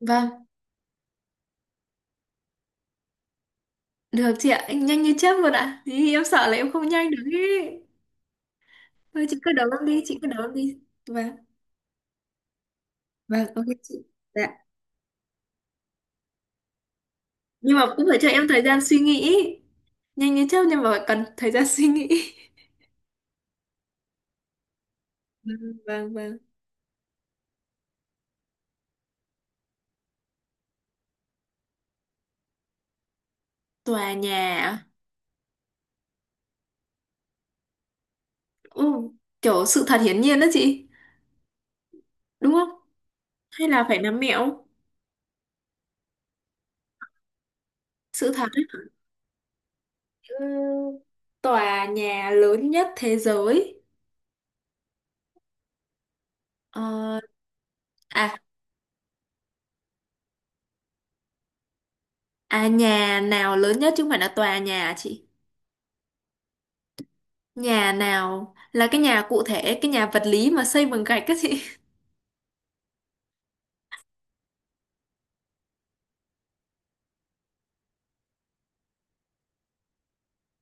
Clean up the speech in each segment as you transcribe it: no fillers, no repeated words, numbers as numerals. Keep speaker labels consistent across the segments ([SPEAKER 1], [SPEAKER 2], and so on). [SPEAKER 1] Vâng, được chị ạ, anh nhanh như chớp luôn ạ. Thì em sợ là em không nhanh được ấy. Thôi chị cứ đấu em đi, chị cứ đấu em đi. Vâng, vâng, ok chị. Dạ. Nhưng mà cũng phải cho em thời gian suy nghĩ. Nhanh như chớp nhưng mà cần thời gian suy nghĩ. Vâng, vâng, vâng. Tòa nhà, à? Ừ, kiểu sự thật hiển nhiên đó chị, đúng không? Hay là phải nắm mẹo? Sự thật ấy. Ừ, tòa nhà lớn nhất thế giới. Ờ, à, à nhà nào lớn nhất chứ không phải là tòa nhà à chị? Nhà nào là cái nhà cụ thể, cái nhà vật lý mà xây bằng gạch các chị.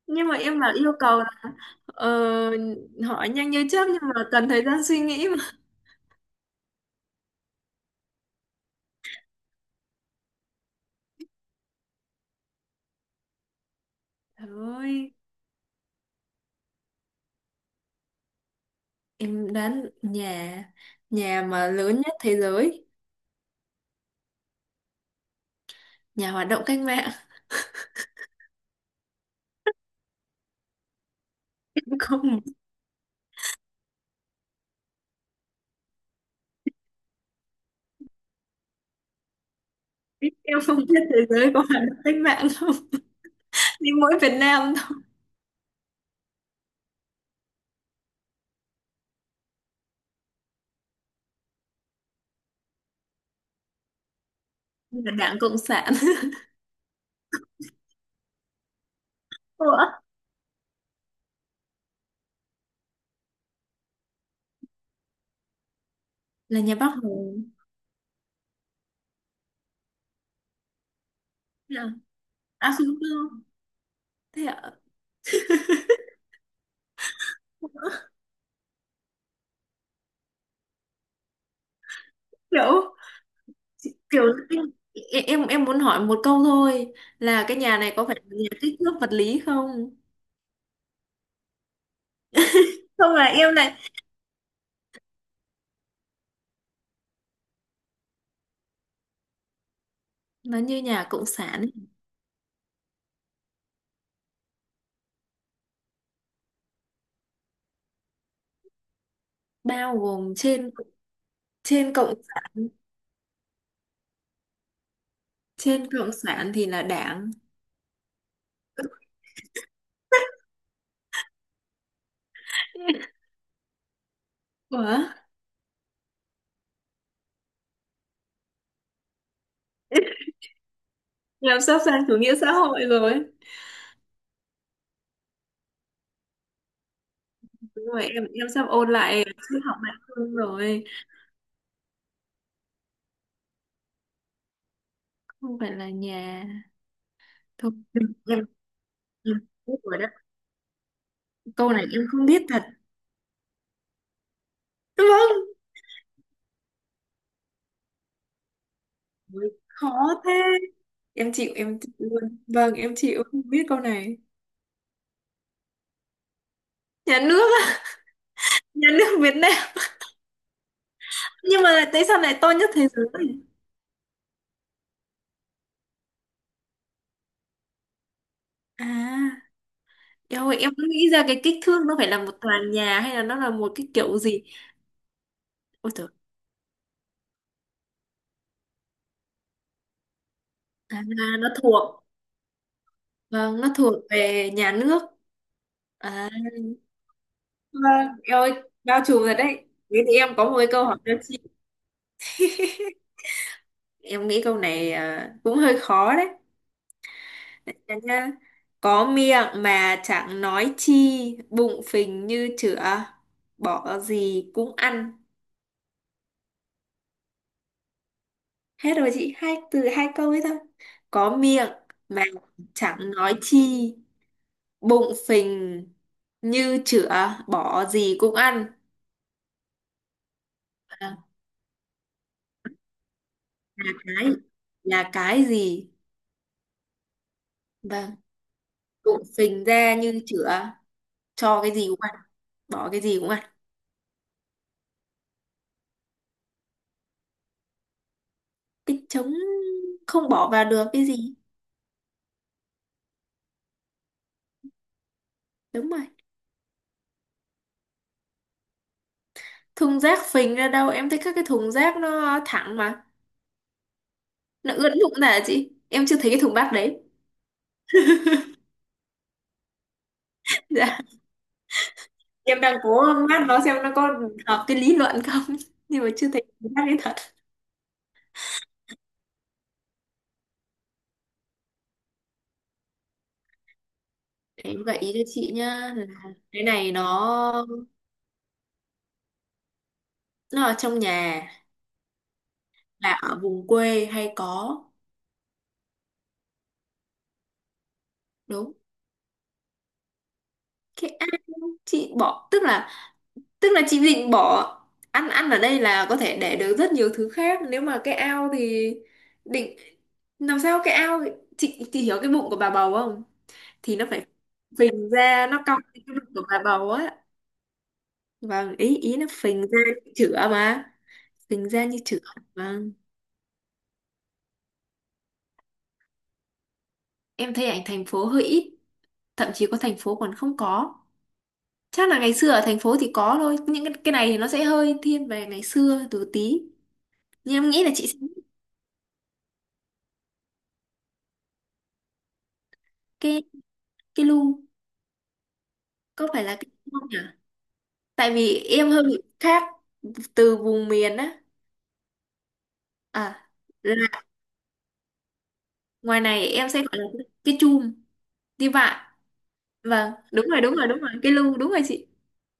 [SPEAKER 1] Nhưng mà em bảo yêu cầu là ờ, hỏi nhanh như chớp nhưng mà cần thời gian suy nghĩ mà. Thôi, em đoán nhà nhà mà lớn nhất thế giới, nhà hoạt động cách mạng. Em không em không biết thế giới có hoạt động cách mạng không. Đi mỗi Việt Nam thôi, là Đảng Cộng sản. Ủa? Là nhà Bác Hồ. Thế à? À không, không. Thế ạ? Kiểu, kiểu em muốn hỏi một câu thôi, là cái nhà này có phải là nhà kích thước vật lý không, không là em lại, nó như nhà cộng sản, bao gồm trên, trên cộng sản, trên cộng sản thì là đảng. Ủa, làm sắp sang chủ nghĩa xã hội rồi. Đúng rồi, em sắp ôn lại triết học Mạc Lương rồi. Không phải là nhà. Thôi em biết rồi đó, câu này em không biết thật, vâng. Ôi, khó thế, em chịu luôn, vâng em chịu không biết câu này. Nhà nước á, nhà nước Việt Nam, nhưng mà tại sao lại to nhất thế giới? À, em ơi, em cứ nghĩ ra cái kích thước nó phải là một tòa nhà hay là nó là một cái kiểu gì. Ôi trời, à, nó thuộc, vâng nó thuộc về nhà nước. À, vâng em ơi, bao trùm rồi đấy, thế thì em có một cái câu hỏi cho chị. Em nghĩ câu này cũng hơi khó đấy. Dạ nhá. Có miệng mà chẳng nói chi, bụng phình như chửa, bỏ gì cũng ăn. Hết rồi chị, hai từ hai câu ấy thôi. Có miệng mà chẳng nói chi, bụng phình như chửa, bỏ gì cũng ăn. À, là cái là cái gì? Vâng, bụng phình ra như chửa, cho cái gì cũng ăn, bỏ cái gì cũng ăn. Cái trống không bỏ vào được cái gì. Đúng rồi. Thùng rác phình ra đâu, em thấy các cái thùng rác nó thẳng mà. Nó ướn đụng là chị em chưa thấy cái thùng bát đấy. Dạ, em đang cố mát nó xem nó có hợp cái lý luận không. Nhưng mà chưa thấy thùng bát đấy thật. Em gợi ý cho chị nhá, là cái này nó ở trong nhà, là ở vùng quê hay có. Đúng, cái ao, chị bỏ tức là chị định bỏ, ăn ăn ở đây là có thể để được rất nhiều thứ khác, nếu mà cái ao thì định làm sao cái ao. Chị hiểu cái bụng của bà bầu không, thì nó phải phình ra, nó cong cái bụng của bà bầu á. Vâng, ý ý nó phình ra như chữa mà, phình ra như chữa. Vâng, em thấy ảnh thành phố hơi ít, thậm chí có thành phố còn không có, chắc là ngày xưa ở thành phố thì có thôi, những cái này thì nó sẽ hơi thiên về ngày xưa từ tí, nhưng em nghĩ là chị sẽ biết. Cái cái lu có phải là cái không nhỉ, tại vì em hơi bị khác từ vùng miền á. À, là ngoài này em sẽ gọi là cái chum, đi vạ. Vâng đúng rồi đúng rồi đúng rồi, cái lu đúng rồi chị.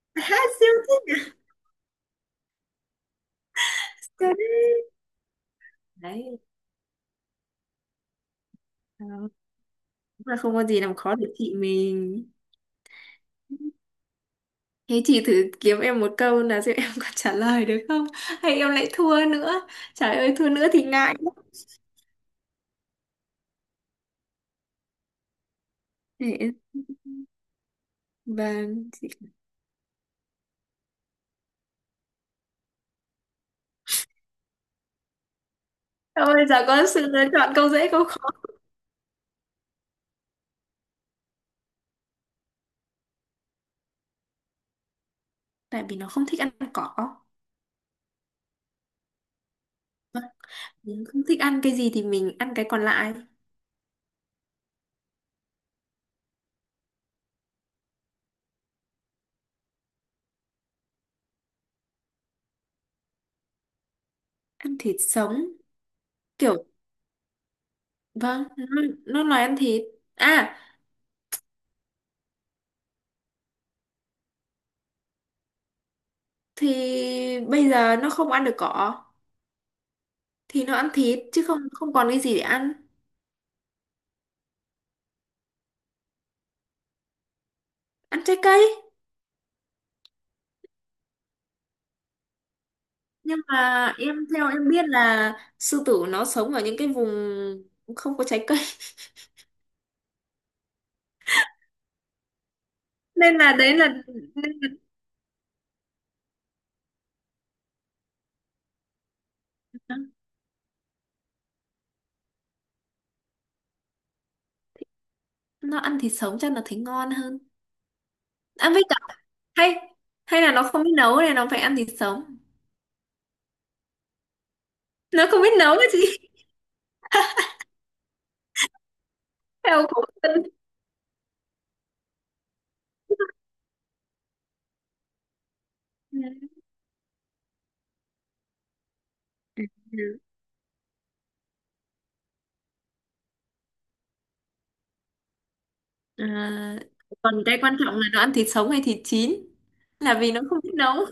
[SPEAKER 1] Há, siêu thích nhỉ? Siêu thích. Đấy, ờ, đúng là không có gì làm khó được chị mình. Thế chị thử kiếm em một câu là xem em có trả lời được không, hay em lại thua nữa, trời ơi thua nữa thì ngại lắm. Để em-, vâng, thôi giờ có sự lựa chọn câu dễ câu khó. Tại vì nó không thích ăn cỏ. Mình không thích ăn cái gì thì mình ăn cái còn lại. Ăn thịt sống. Kiểu, vâng, nó nói ăn thịt. À, thì bây giờ nó không ăn được cỏ. Thì nó ăn thịt, chứ không không còn cái gì để ăn. Ăn trái cây. Nhưng mà em theo em biết là sư tử nó sống ở những cái vùng không có trái cây. Nên là đấy là, nên là nó nó ăn thịt sống chắc là thấy ngon hơn. Ăn với cả, hay, hay là nó không biết nấu nên nó phải ăn thịt sống. Nó không biết nấu cái gì. Theo khẩu phần. Ừ. À, còn cái quan trọng là nó ăn thịt sống hay thịt chín là vì nó không biết nấu.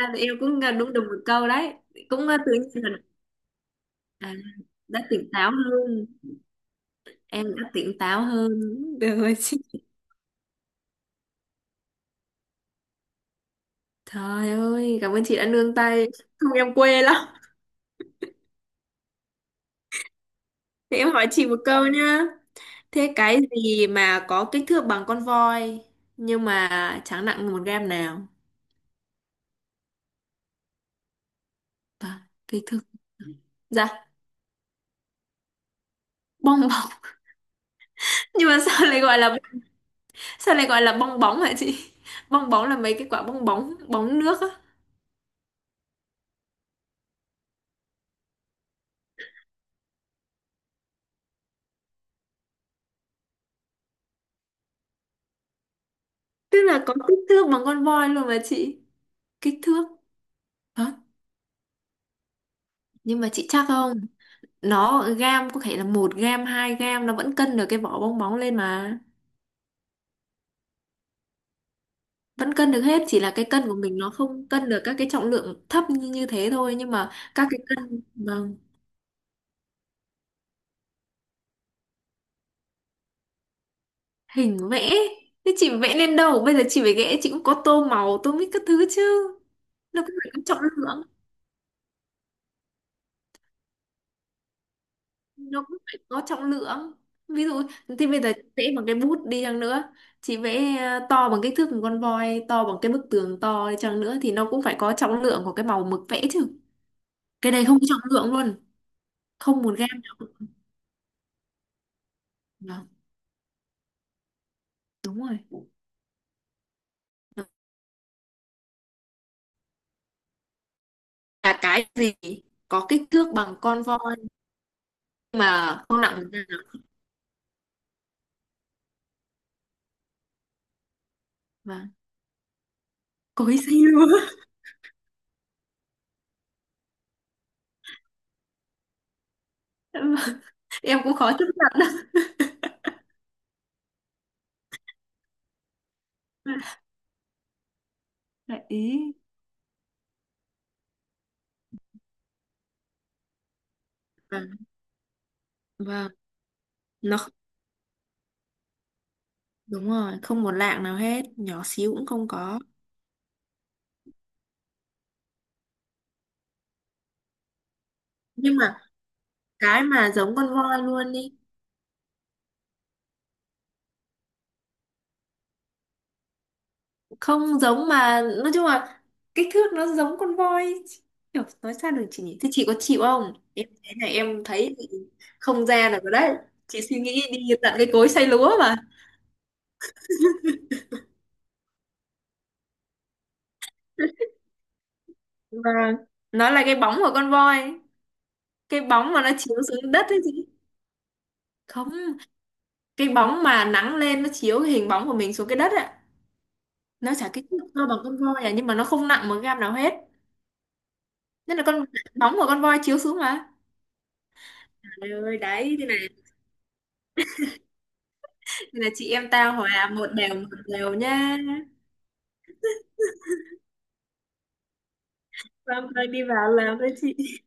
[SPEAKER 1] À thì em cũng đúng được một câu đấy, cũng tự nhiên là à, đã tỉnh táo hơn, em đã tỉnh táo hơn. Được rồi chị, trời ơi cảm ơn chị đã nương tay, không em quê lắm. Thì em hỏi chị một câu nhá, thế cái gì mà có kích thước bằng con voi nhưng mà chẳng nặng một gram nào. À, kích thước. Dạ, bong bóng. Nhưng mà sao lại gọi là, sao lại gọi là bong bóng hả chị? Bong bóng là mấy cái quả bong bóng, bóng nước á. Tức là có kích thước bằng con voi luôn mà chị. Kích thước. Đó. Nhưng mà chị chắc không? Nó gam có thể là một gam, hai gam nó vẫn cân được cái vỏ bong bóng lên mà. Vẫn cân được hết, chỉ là cái cân của mình nó không cân được các cái trọng lượng thấp như thế thôi. Nhưng mà các cái cân, vâng, hình vẽ. Thế chị vẽ lên đâu? Bây giờ chị phải vẽ, chị cũng có tô màu, tô mít các thứ chứ. Nó cũng phải có trọng lượng. Nó cũng phải có trọng lượng, ví dụ thì bây giờ chị vẽ bằng cái bút đi chăng nữa, chị vẽ to bằng kích thước một con voi, to bằng cái bức tường to đi chăng nữa thì nó cũng phải có trọng lượng của cái màu mực vẽ chứ. Cái này không có trọng lượng luôn, không một gram. Vâng, đúng rồi. Nó là cái gì có kích thước bằng con voi mà không nặng một gram. Và cối xay lúa. Vâng, em cũng khó chấp nhận lắm. Đại ý vâng, vâng nó đúng rồi, không một lạng nào hết, nhỏ xíu cũng không có. Nhưng mà cái mà giống con voi luôn đi, không giống mà nói chung là kích thước nó giống con voi, kiểu nói sao được chị nhỉ, thế chị có chịu không, em thế này em thấy thì không ra được rồi đấy, chị suy nghĩ đi tận cái cối xay lúa mà. Và nó là cái bóng của con voi, cái bóng mà nó chiếu xuống đất ấy chị. Không, cái bóng mà nắng lên nó chiếu cái hình bóng của mình xuống cái đất ạ. Nó chả kích thước to bằng con voi à, nhưng mà nó không nặng một gam nào hết, nên là con, bóng của con voi chiếu xuống mà. Trời ơi đấy thế này, thế là chị em tao hòa một đều nhá. Vâng, thôi đi vào làm với chị.